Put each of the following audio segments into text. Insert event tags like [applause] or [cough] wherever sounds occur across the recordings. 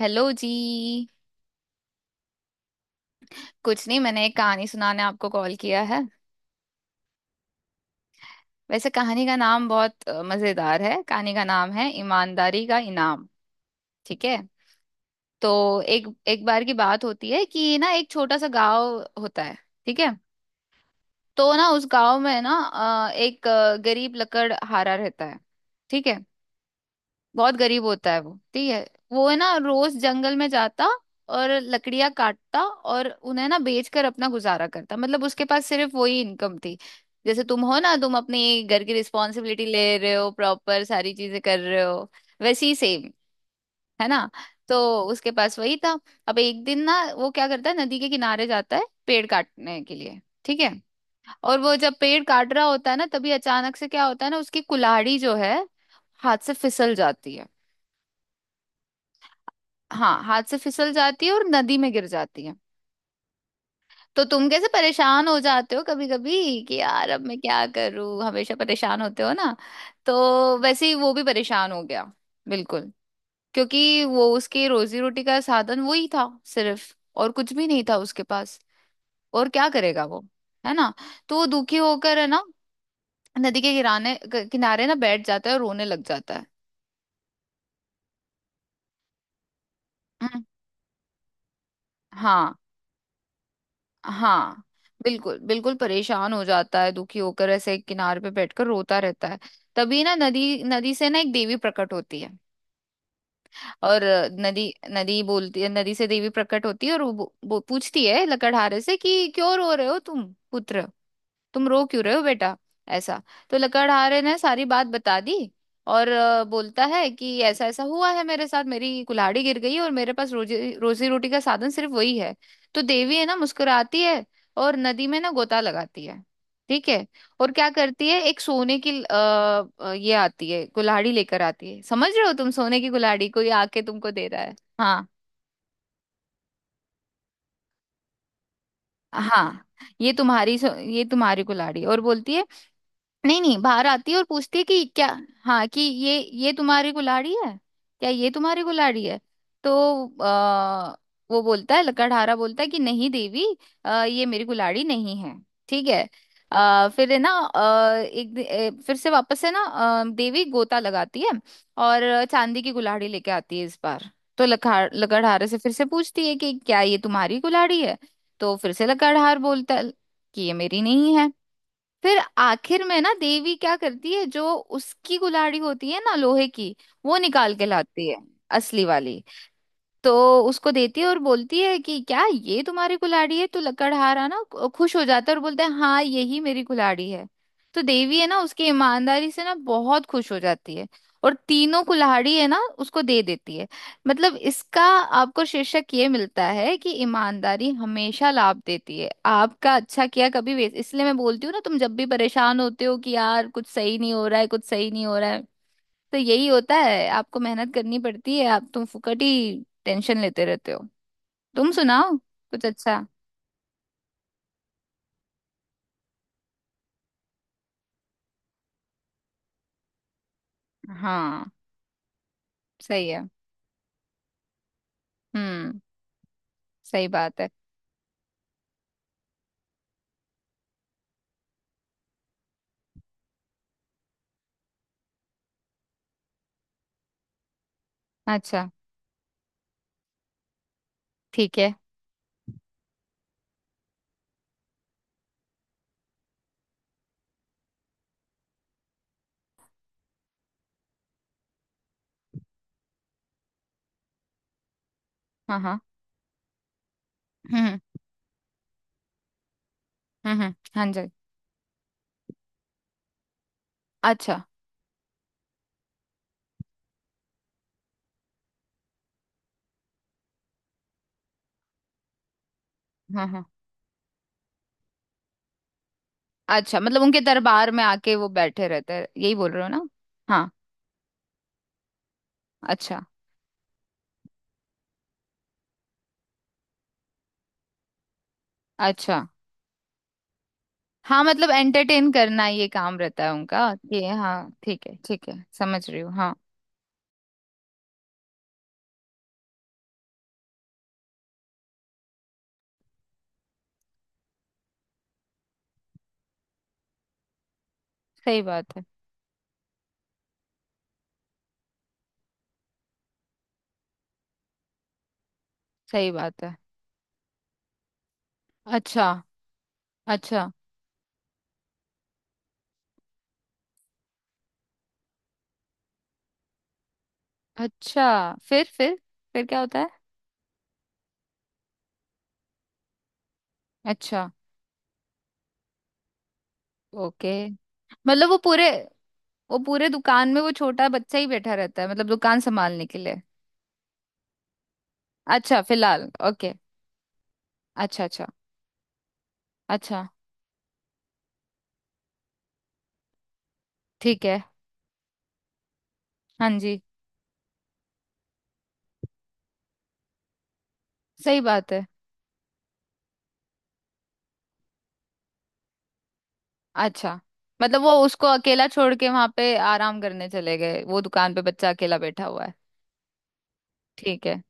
Hello जी। कुछ नहीं, मैंने एक कहानी सुनाने आपको कॉल किया है। वैसे कहानी का नाम बहुत मजेदार है। कहानी का नाम है ईमानदारी का इनाम। ठीक है? तो एक एक बार की बात होती है कि ना, एक छोटा सा गांव होता है। ठीक है? तो ना, उस गांव में ना एक गरीब लकड़हारा रहता है। ठीक है? बहुत गरीब होता है वो, ठीक है? वो है ना, रोज जंगल में जाता और लकड़ियां काटता और उन्हें ना बेचकर अपना गुजारा करता। मतलब उसके पास सिर्फ वही इनकम थी। जैसे तुम हो ना, तुम अपने घर की रिस्पॉन्सिबिलिटी ले रहे हो, प्रॉपर सारी चीजें कर रहे हो, वैसे ही सेम। है ना? तो उसके पास वही था। अब एक दिन ना, वो क्या करता है, नदी के किनारे जाता है पेड़ काटने के लिए। ठीक है? और वो जब पेड़ काट रहा होता है ना, तभी अचानक से क्या होता है ना, उसकी कुल्हाड़ी जो है हाथ से फिसल जाती है। हाँ, हाथ से फिसल जाती है और नदी में गिर जाती है। तो तुम कैसे परेशान हो जाते हो कभी कभी कि यार अब मैं क्या करूं, हमेशा परेशान होते हो ना? तो वैसे ही वो भी परेशान हो गया। बिल्कुल। क्योंकि वो उसकी रोजी रोटी का साधन वही था सिर्फ, और कुछ भी नहीं था उसके पास। और क्या करेगा वो, है ना? तो वो दुखी होकर, है ना, नदी के किराने किनारे ना बैठ जाता है और रोने लग जाता है। हम्म, हाँ, हाँ। बिल्कुल बिल्कुल परेशान हो जाता है, दुखी होकर ऐसे एक किनारे पे बैठकर रोता रहता है। तभी ना नदी नदी से ना एक देवी प्रकट होती है। और नदी नदी बोलती है, नदी से देवी प्रकट होती है और वो पूछती है लकड़हारे से कि क्यों रो रहे हो तुम पुत्र, तुम रो क्यों रहे हो बेटा, ऐसा। तो लकड़हारे ने सारी बात बता दी। और बोलता है कि ऐसा ऐसा हुआ है मेरे साथ, मेरी कुल्हाड़ी गिर गई और मेरे पास रोजी रोजी रोटी का साधन सिर्फ वही है। तो देवी है ना, मुस्कुराती है और नदी में ना गोता लगाती है। ठीक है? और क्या करती है, एक सोने की ये आती है, कुल्हाड़ी लेकर आती है। समझ रहे हो तुम? सोने की कुल्हाड़ी कोई आके तुमको दे रहा है। हाँ, हाँ, ये तुम्हारी ये तुम्हारी कुल्हाड़ी, और बोलती है, नहीं नहीं, बाहर आती है और पूछती है कि क्या, हाँ, कि ये तुम्हारी कुल्हाड़ी है, क्या ये तुम्हारी कुल्हाड़ी है? तो वो बोलता है, लकड़हारा बोलता है कि नहीं देवी, ये मेरी कुल्हाड़ी नहीं है। ठीक है? फिर है ना आ, एक दि- ए, फिर से वापस है ना देवी गोता लगाती है और चांदी की कुल्हाड़ी लेके आती है इस बार। तो लखार लकड़हारे से फिर से पूछती है कि क्या ये तुम्हारी कुल्हाड़ी है? तो फिर से लकड़हार बोलता है कि ये मेरी नहीं है। फिर आखिर में ना देवी क्या करती है, जो उसकी कुल्हाड़ी होती है ना लोहे की, वो निकाल के लाती है। असली वाली। तो उसको देती है और बोलती है कि क्या ये तुम्हारी कुल्हाड़ी है। तो लकड़हारा ना खुश हो जाता है और बोलता है हाँ, यही मेरी कुल्हाड़ी है। तो देवी है ना, उसकी ईमानदारी से ना बहुत खुश हो जाती है और तीनों कुल्हाड़ी है ना उसको दे देती है। मतलब इसका आपको शीर्षक ये मिलता है कि ईमानदारी हमेशा लाभ देती है, आपका अच्छा किया कभी वेस्ट। इसलिए मैं बोलती हूँ ना, तुम जब भी परेशान होते हो कि यार कुछ सही नहीं हो रहा है, कुछ सही नहीं हो रहा है, तो यही होता है, आपको मेहनत करनी पड़ती है। आप तुम फुकट ही टेंशन लेते रहते हो। तुम सुनाओ कुछ अच्छा। हाँ, सही है। हम्म। सही बात है। अच्छा। ठीक है। हाँ, हाँ। हम्म हम्म। हाँ जी। अच्छा। हाँ, हाँ। अच्छा, मतलब उनके दरबार में आके वो बैठे रहते हैं, यही बोल रहे हो ना? हाँ। अच्छा, अच्छा। हाँ, मतलब एंटरटेन करना ये काम रहता है उनका कि, हाँ ठीक है ठीक है, समझ रही हूँ, हाँ। सही बात है। सही बात है। अच्छा। अच्छा। अच्छा, फिर? फिर क्या होता है? अच्छा। ओके, मतलब वो पूरे, वो पूरे दुकान में वो छोटा बच्चा ही बैठा रहता है, मतलब दुकान संभालने के लिए? अच्छा, फिलहाल, ओके। अच्छा, अच्छा। अच्छा। ठीक है। हाँ जी। सही बात है। अच्छा, मतलब वो उसको अकेला छोड़ के वहां पे आराम करने चले गए, वो दुकान पे बच्चा अकेला बैठा हुआ है। ठीक है।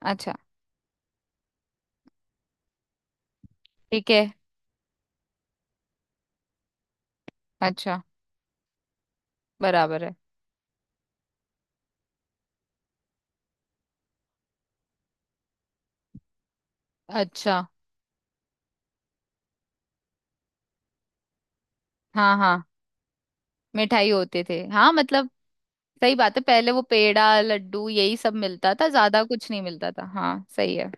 अच्छा। ठीक है। अच्छा। बराबर है। अच्छा। हाँ, हाँ, मिठाई होते थे, हाँ, मतलब। सही बात है, पहले वो पेड़ा लड्डू यही सब मिलता था, ज्यादा कुछ नहीं मिलता था, हाँ सही है।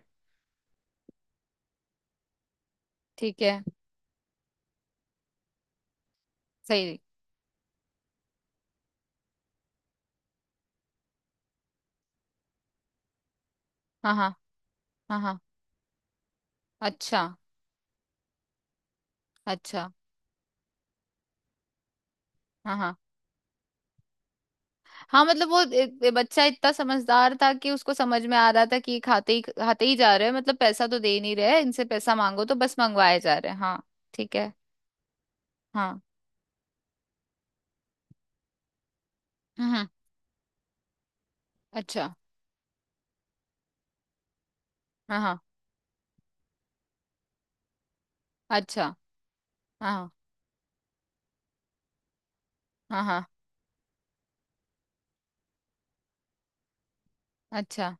ठीक है। सही। हाँ, हाँ। हाँ, हाँ। अच्छा, अच्छा। हाँ, हाँ, हाँ, मतलब वो बच्चा इतना समझदार था कि उसको समझ में आ रहा था कि ये खाते ही जा रहे हैं, मतलब पैसा तो दे नहीं रहे, इनसे पैसा मांगो तो बस मंगवाए जा रहे हैं। हाँ। ठीक है। हाँ। हम्म। अच्छा। हाँ, हाँ। अच्छा। हाँ, हाँ, हाँ। अच्छा।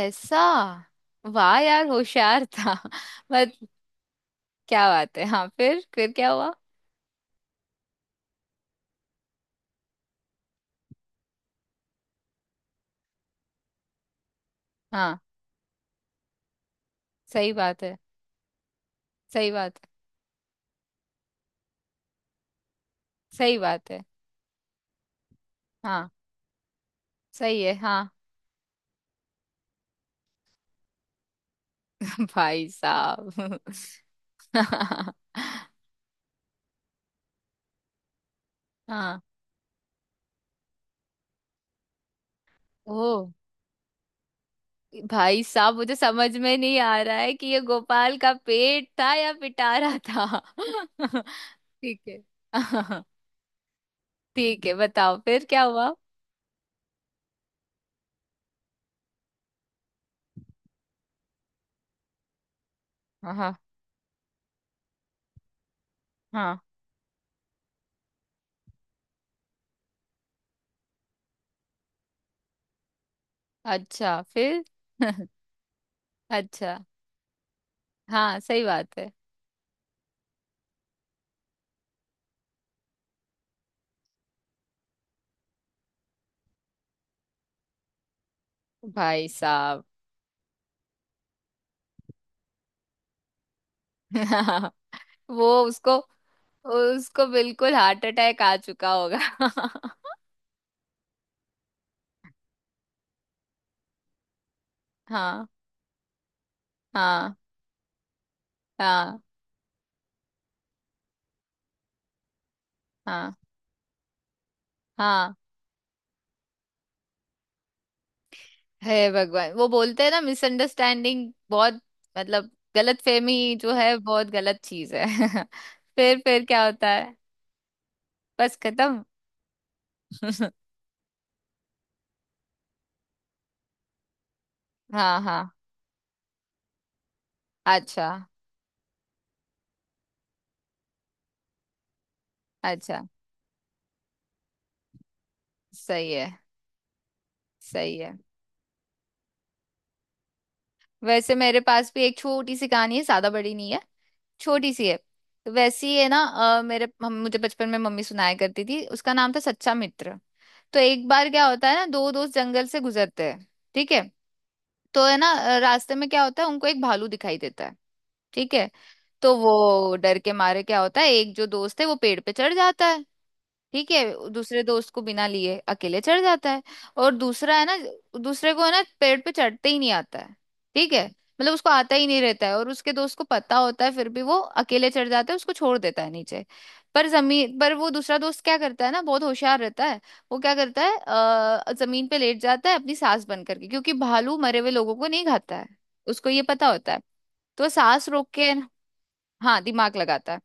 ऐसा? वाह, यार होशियार था। [laughs] बस! क्या बात है, हाँ, फिर क्या हुआ? हाँ। सही बात है। सही बात है। सही बात है। हाँ, सही है। हाँ। [laughs] भाई साहब। [laughs] हाँ। ओ! भाई साहब, मुझे समझ में नहीं आ रहा है कि ये गोपाल का पेट था या पिटारा था। [laughs] ठीक है। [laughs] ठीक है, बताओ फिर क्या हुआ। हाँ, हाँ। अच्छा, फिर? [laughs] अच्छा। हाँ, सही बात है। भाई साहब। [laughs] वो उसको, उसको बिल्कुल हार्ट अटैक आ चुका होगा। [laughs] हाँ। हाँ। हाँ। हाँ। हाँ। हे भगवान, वो बोलते हैं ना मिसअंडरस्टैंडिंग बहुत, मतलब गलतफहमी जो है बहुत गलत चीज है। [laughs] फिर क्या होता है? बस खत्म? [laughs] हाँ, हाँ। अच्छा, अच्छा। सही है। सही है। वैसे मेरे पास भी एक छोटी सी कहानी है, ज्यादा बड़ी नहीं है, छोटी सी है। तो वैसी है ना मेरे मुझे बचपन में मम्मी सुनाया करती थी, उसका नाम था सच्चा मित्र। तो एक बार क्या होता है ना, दो दोस्त जंगल से गुजरते हैं। ठीक है? तो है ना रास्ते में क्या होता है, उनको एक भालू दिखाई देता है। ठीक है? तो वो डर के मारे क्या होता है, एक जो दोस्त है वो पेड़ पे चढ़ जाता है। ठीक है, दूसरे दोस्त को बिना लिए अकेले चढ़ जाता है। और दूसरा है ना, दूसरे को है ना पेड़ पे चढ़ते ही नहीं आता है। ठीक है? मतलब उसको आता ही नहीं रहता है, और उसके दोस्त को पता होता है फिर भी वो अकेले चढ़ जाता है, उसको छोड़ देता है नीचे। पर जमीन पर वो दूसरा दोस्त क्या करता है ना, बहुत होशियार रहता है। वो क्या करता है, जमीन पे लेट जाता है अपनी सांस बंद करके, क्योंकि भालू मरे हुए लोगों को नहीं खाता है, उसको ये पता होता है। तो वो सांस रोक के, हाँ दिमाग लगाता है,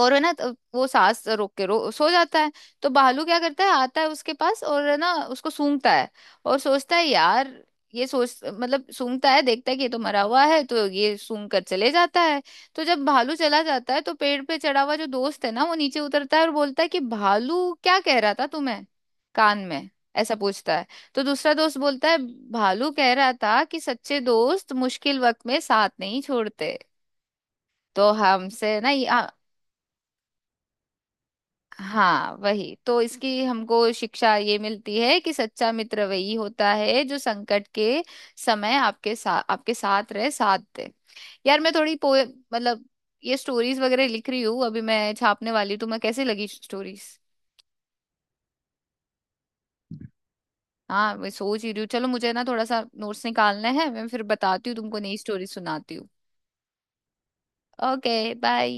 और है ना तो वो सांस रोक के रो सो जाता है। तो भालू क्या करता है, आता है उसके पास और है ना उसको सूंघता है और सोचता है यार, ये सोच मतलब सूंघता है, देखता है कि ये तो मरा हुआ है, तो ये सूंघ कर चले जाता है। तो जब भालू चला जाता है, तो पेड़ पे चढ़ा हुआ जो दोस्त है ना वो नीचे उतरता है और बोलता है कि भालू क्या कह रहा था तुम्हें कान में, ऐसा पूछता है। तो दूसरा दोस्त बोलता है, भालू कह रहा था कि सच्चे दोस्त मुश्किल वक्त में साथ नहीं छोड़ते। तो हमसे ना, हाँ वही, तो इसकी हमको शिक्षा ये मिलती है कि सच्चा मित्र वही होता है जो संकट के समय आपके साथ रहे, साथ दे। यार मैं थोड़ी पोए मतलब ये स्टोरीज वगैरह लिख रही हूँ, अभी मैं छापने वाली, तो मैं कैसे लगी स्टोरीज? हाँ मैं सोच ही रही हूँ। चलो मुझे ना थोड़ा सा नोट्स निकालना है, मैं फिर बताती हूँ तुमको, नई स्टोरी सुनाती हूँ। Okay, bye.